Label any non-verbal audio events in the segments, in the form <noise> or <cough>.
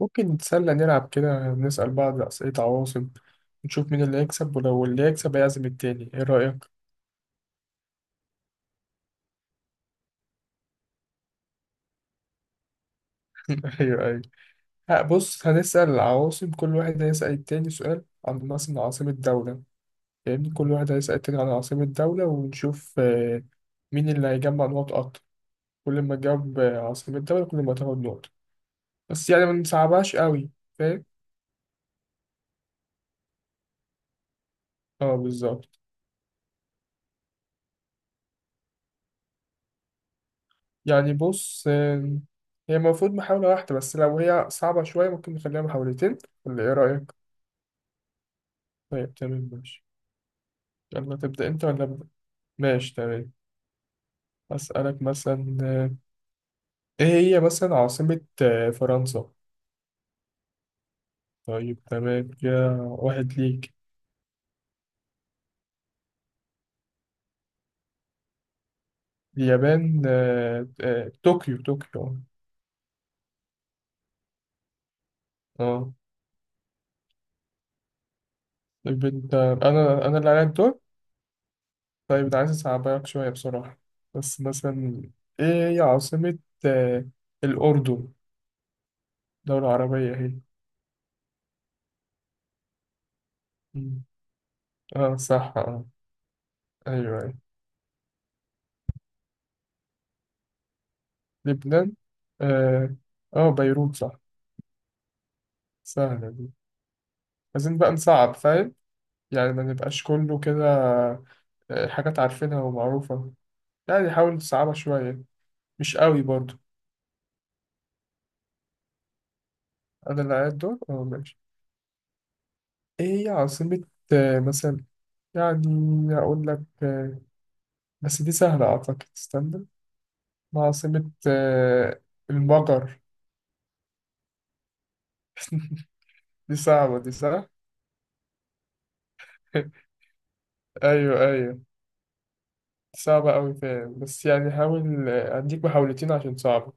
ممكن نتسلى نلعب كده نسأل بعض أسئلة عواصم. نشوف مين اللي هيكسب ولو اللي هيكسب هيعزم التاني، ايه رأيك؟ <laughs> ايوه ايوه. ها بص، هنسأل العواصم. كل واحد هيسأل التاني سؤال عن مثلا عاصمة دولة. يعني كل واحد هيسأل التاني عن عاصمة دولة ونشوف مين اللي هيجمع نقط أكتر. كل ما تجاوب عاصمة دولة كل ما تاخد نقطة. بس يعني ما نصعبهاش قوي، فاهم؟ اه، بالظبط. يعني بص، هي المفروض محاولة واحدة بس لو هي صعبة شوية ممكن نخليها محاولتين، ولا ايه رأيك؟ طيب، تمام ماشي. يلا تبدأ أنت ولا أبدأ؟ ماشي تمام. أسألك مثلا، إيه هي مثلا عاصمة فرنسا؟ طيب تمام، كده واحد ليك. اليابان طوكيو طوكيو. اه، طيب أنت. أنا اللي عليا الدور. طيب أنا عايز أصعبك شوية بصراحة، بس مثلا إيه هي عاصمة آه، الأردن؟ دولة عربية هي. مم. اه صح اه. أيوه أيوه. لبنان، اه بيروت صح. سهلة دي، عايزين بقى نصعب، فاهم؟ يعني ما نبقاش كله كده، حاجات عارفينها ومعروفة. يعني نحاول نصعبها شوية، مش قوي برضو. أنا اللي قاعد دور، ماشي. إيه هي عاصمة مثلا، يعني أقول لك، بس دي سهلة أعتقد، استنى. ما عاصمة المجر. <laughs> دي صعبة دي صح؟ <laughs> أيوه أيوه، صعبة أوي، فاهم؟ بس يعني حاول، أديك محاولتين عشان صعبة.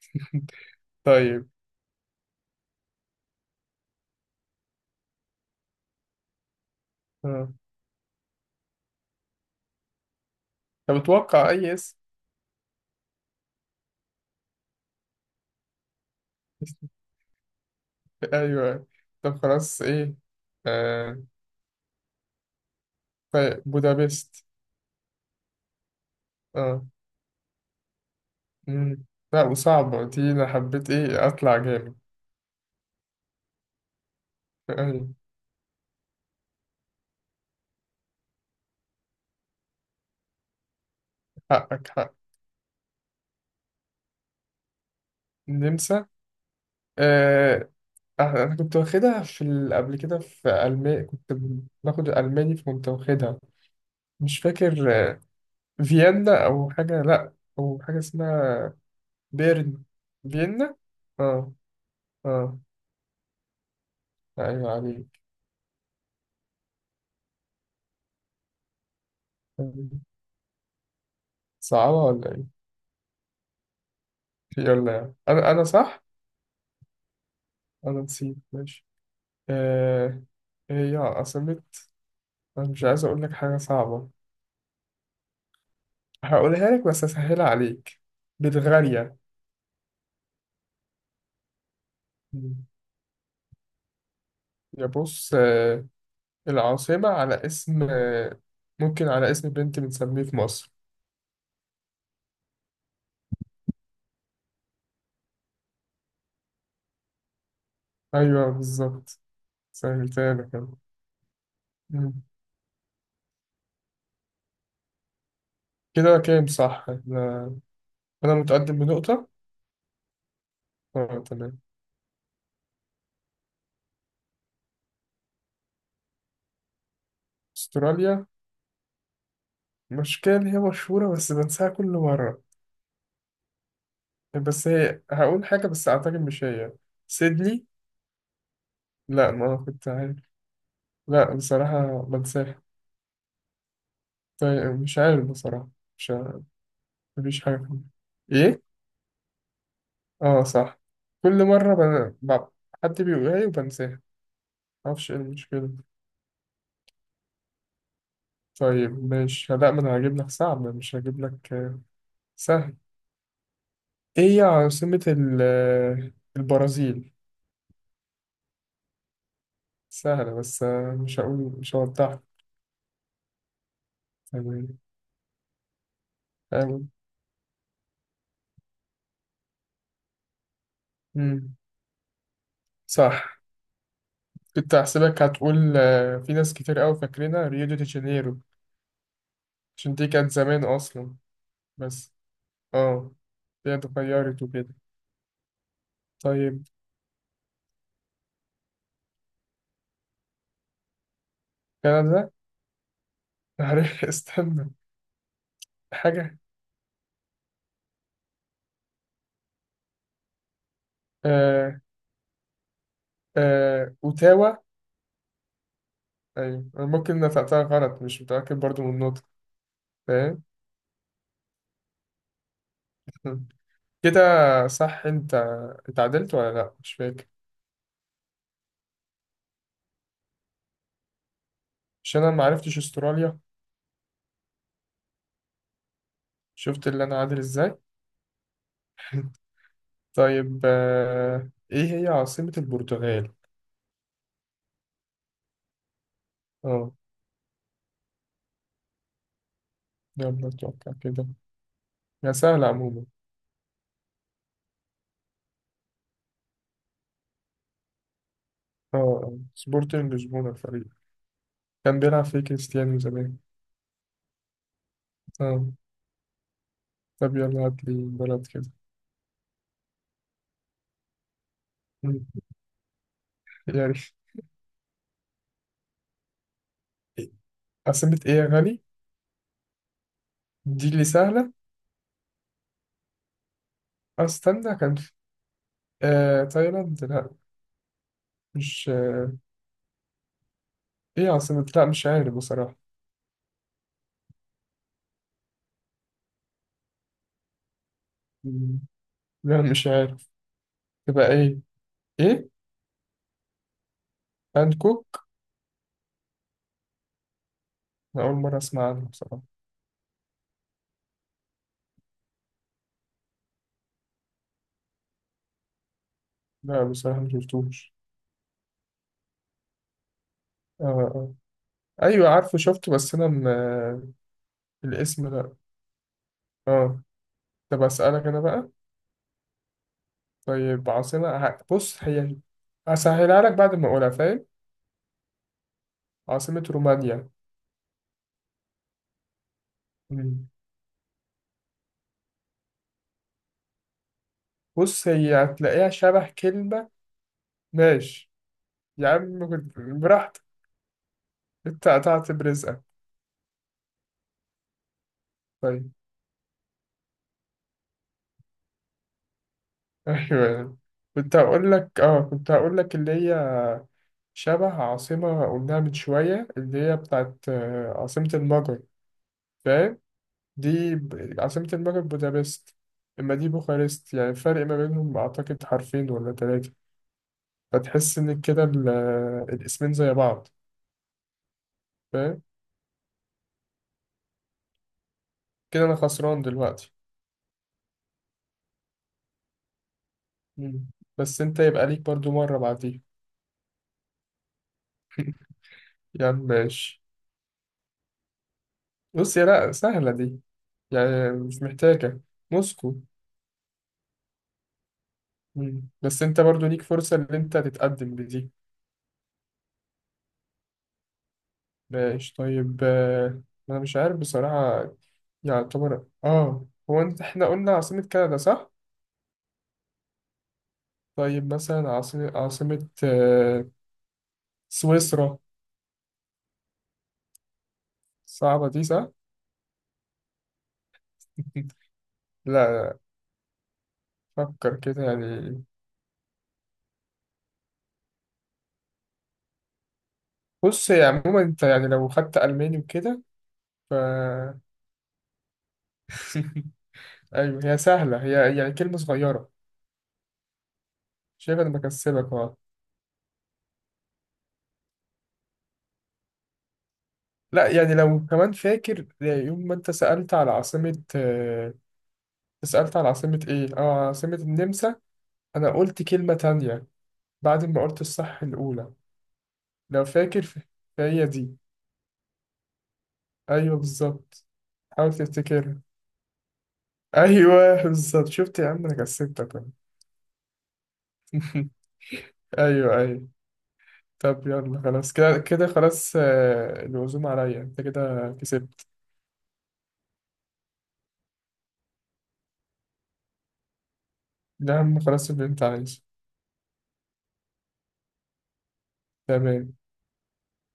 <laughs> طيب. آه. طب اتوقع أي اسم. ايوه. طب خلاص ايه. آه. طيب بودابست. اه. مم. لا وصعبة دي، انا حبيت ايه اطلع جامد. ايوه، حقك حق. النمسا. آه. انا كنت واخدها في قبل كده، في المانيا كنت باخد الالماني فكنت واخدها. مش فاكر، فيينا او حاجة، لا او حاجة اسمها بيرن، فيينا. اه، اه. ايوه عليك. صعبة ولا ايه؟ يلا يا عم. انا صح. انا نسيت، ماشي. آه هي عاصمة، انا مش عايز اقول لك حاجة صعبة. هقولها لك بس اسهلها عليك. بلغاريا. مم. يا بص، العاصمة على اسم، ممكن على اسم بنت بنسميه في مصر. ايوه بالظبط. سهلتها لك أنا. مم. كده كام صح انا؟ أنا متقدم بنقطة. اه تمام. استراليا. مشكلة إن هي مشهورة بس بنساها كل مرة. بس هي هقول حاجة بس اعتقد مش هي، سيدني. لا ما كنت عارف. لا بصراحة بنساها. طيب مش عارف بصراحة. مش عارف. مفيش حاجة فيه. ايه؟ اه صح. كل مرة حد بيقولها لي وبنساها. معرفش ايه المشكلة. طيب مش، لا، ما انا هجيب لك صعب، مش هجيب لك سهل. ايه هي عاصمة ال... آه، البرازيل. سهلة بس، مش هقول، مش هوضحها يعني، فاهم؟ مم. صح. كنت هحسبك هتقول، في ناس كتير قوي فاكرينها ريو دي جانيرو، عشان دي كانت زمان أصلا بس اه دي اتغيرت وكده. طيب، كندا. عارف. <laughs> استنى حاجة. آه أوتاوا. أيوة، أنا ممكن نطقتها غلط، مش متأكد برضو من النطق، فاهم. <laughs> كده صح؟ أنت اتعدلت ولا لأ، مش فاكر. عشان أنا معرفتش أستراليا. شفت اللي أنا عادل إزاي. <laughs> طيب، إيه هي عاصمة البرتغال؟ اه. يلا اتوقع كده، يا سهلة عموما. اه، سبورتنج لشبونة الفريق، كان بيلعب فيه كريستيانو زمان. اه. طب يلا هات لي بلد كده. مم. يعني عاصمة ايه يا غالي؟ دي اللي سهلة. استنى كان في، تايلاند، لا. مش ايه عاصمة، لا مش عارف بصراحة. مم. لا مش عارف. تبقى ايه؟ ايه؟ بانكوك؟ أنا أول مرة أسمع عنه بصراحة. لا بصراحة مشفتوش. اه اه. أيوة عارفه، شفته، بس أنا م... آه، الاسم، لا. اه. طب أسألك أنا بقى. طيب عاصمة بص هي، أسهلها لك بعد ما أقولها، فاهم؟ عاصمة رومانيا. مم. بص هي هتلاقيها شبه كلمة. ماشي. يا عم براحتك. أنت قطعت برزقك. طيب. <laughs> أيوه. كنت هقول لك اللي هي شبه عاصمة قلناها من شوية، اللي هي بتاعت عاصمة المجر، فاهم. دي عاصمة المجر بودابست، إما دي بوخارست. يعني الفرق ما بينهم أعتقد حرفين ولا تلاتة. فتحس ان كده الاسمين زي بعض، فاهم. كده انا خسران دلوقتي. مم. بس انت يبقى ليك برضو مرة بعديها، يعني ماشي. بص يا، لا سهلة دي، يعني مش محتاجة. موسكو. مم. بس انت برضو ليك فرصة ان انت تتقدم بدي. ماشي طيب، انا مش عارف بصراحة يعني. يعتبر، هو انت، احنا قلنا عاصمة كندا صح؟ طيب مثلا عاصمة سويسرا. صعبة دي صح؟ <laughs> لا، فكر كده يعني. بص هي عموما انت يعني لو خدت ألماني وكده ف <laughs> ايوه هي سهلة، هي يعني كلمة صغيرة. شايف انا بكسبك، اه. لا يعني لو كمان فاكر يوم ما انت سألت على عاصمة سألت على عاصمة ايه، عاصمة النمسا، انا قلت كلمة تانية بعد ما قلت الصح الأولى، لو فاكر فهي دي. ايوه بالظبط. حاول تفتكرها. <laughs> ايوه بالظبط، شفت يا عم انا كسبتك أهو. <laughs> ايوه ايوه. طب يلا خلاص، كده كده خلاص، العزومة عليا، انت كده كسبت. ده يا عم خلاص اللي انت عايزه. تمام.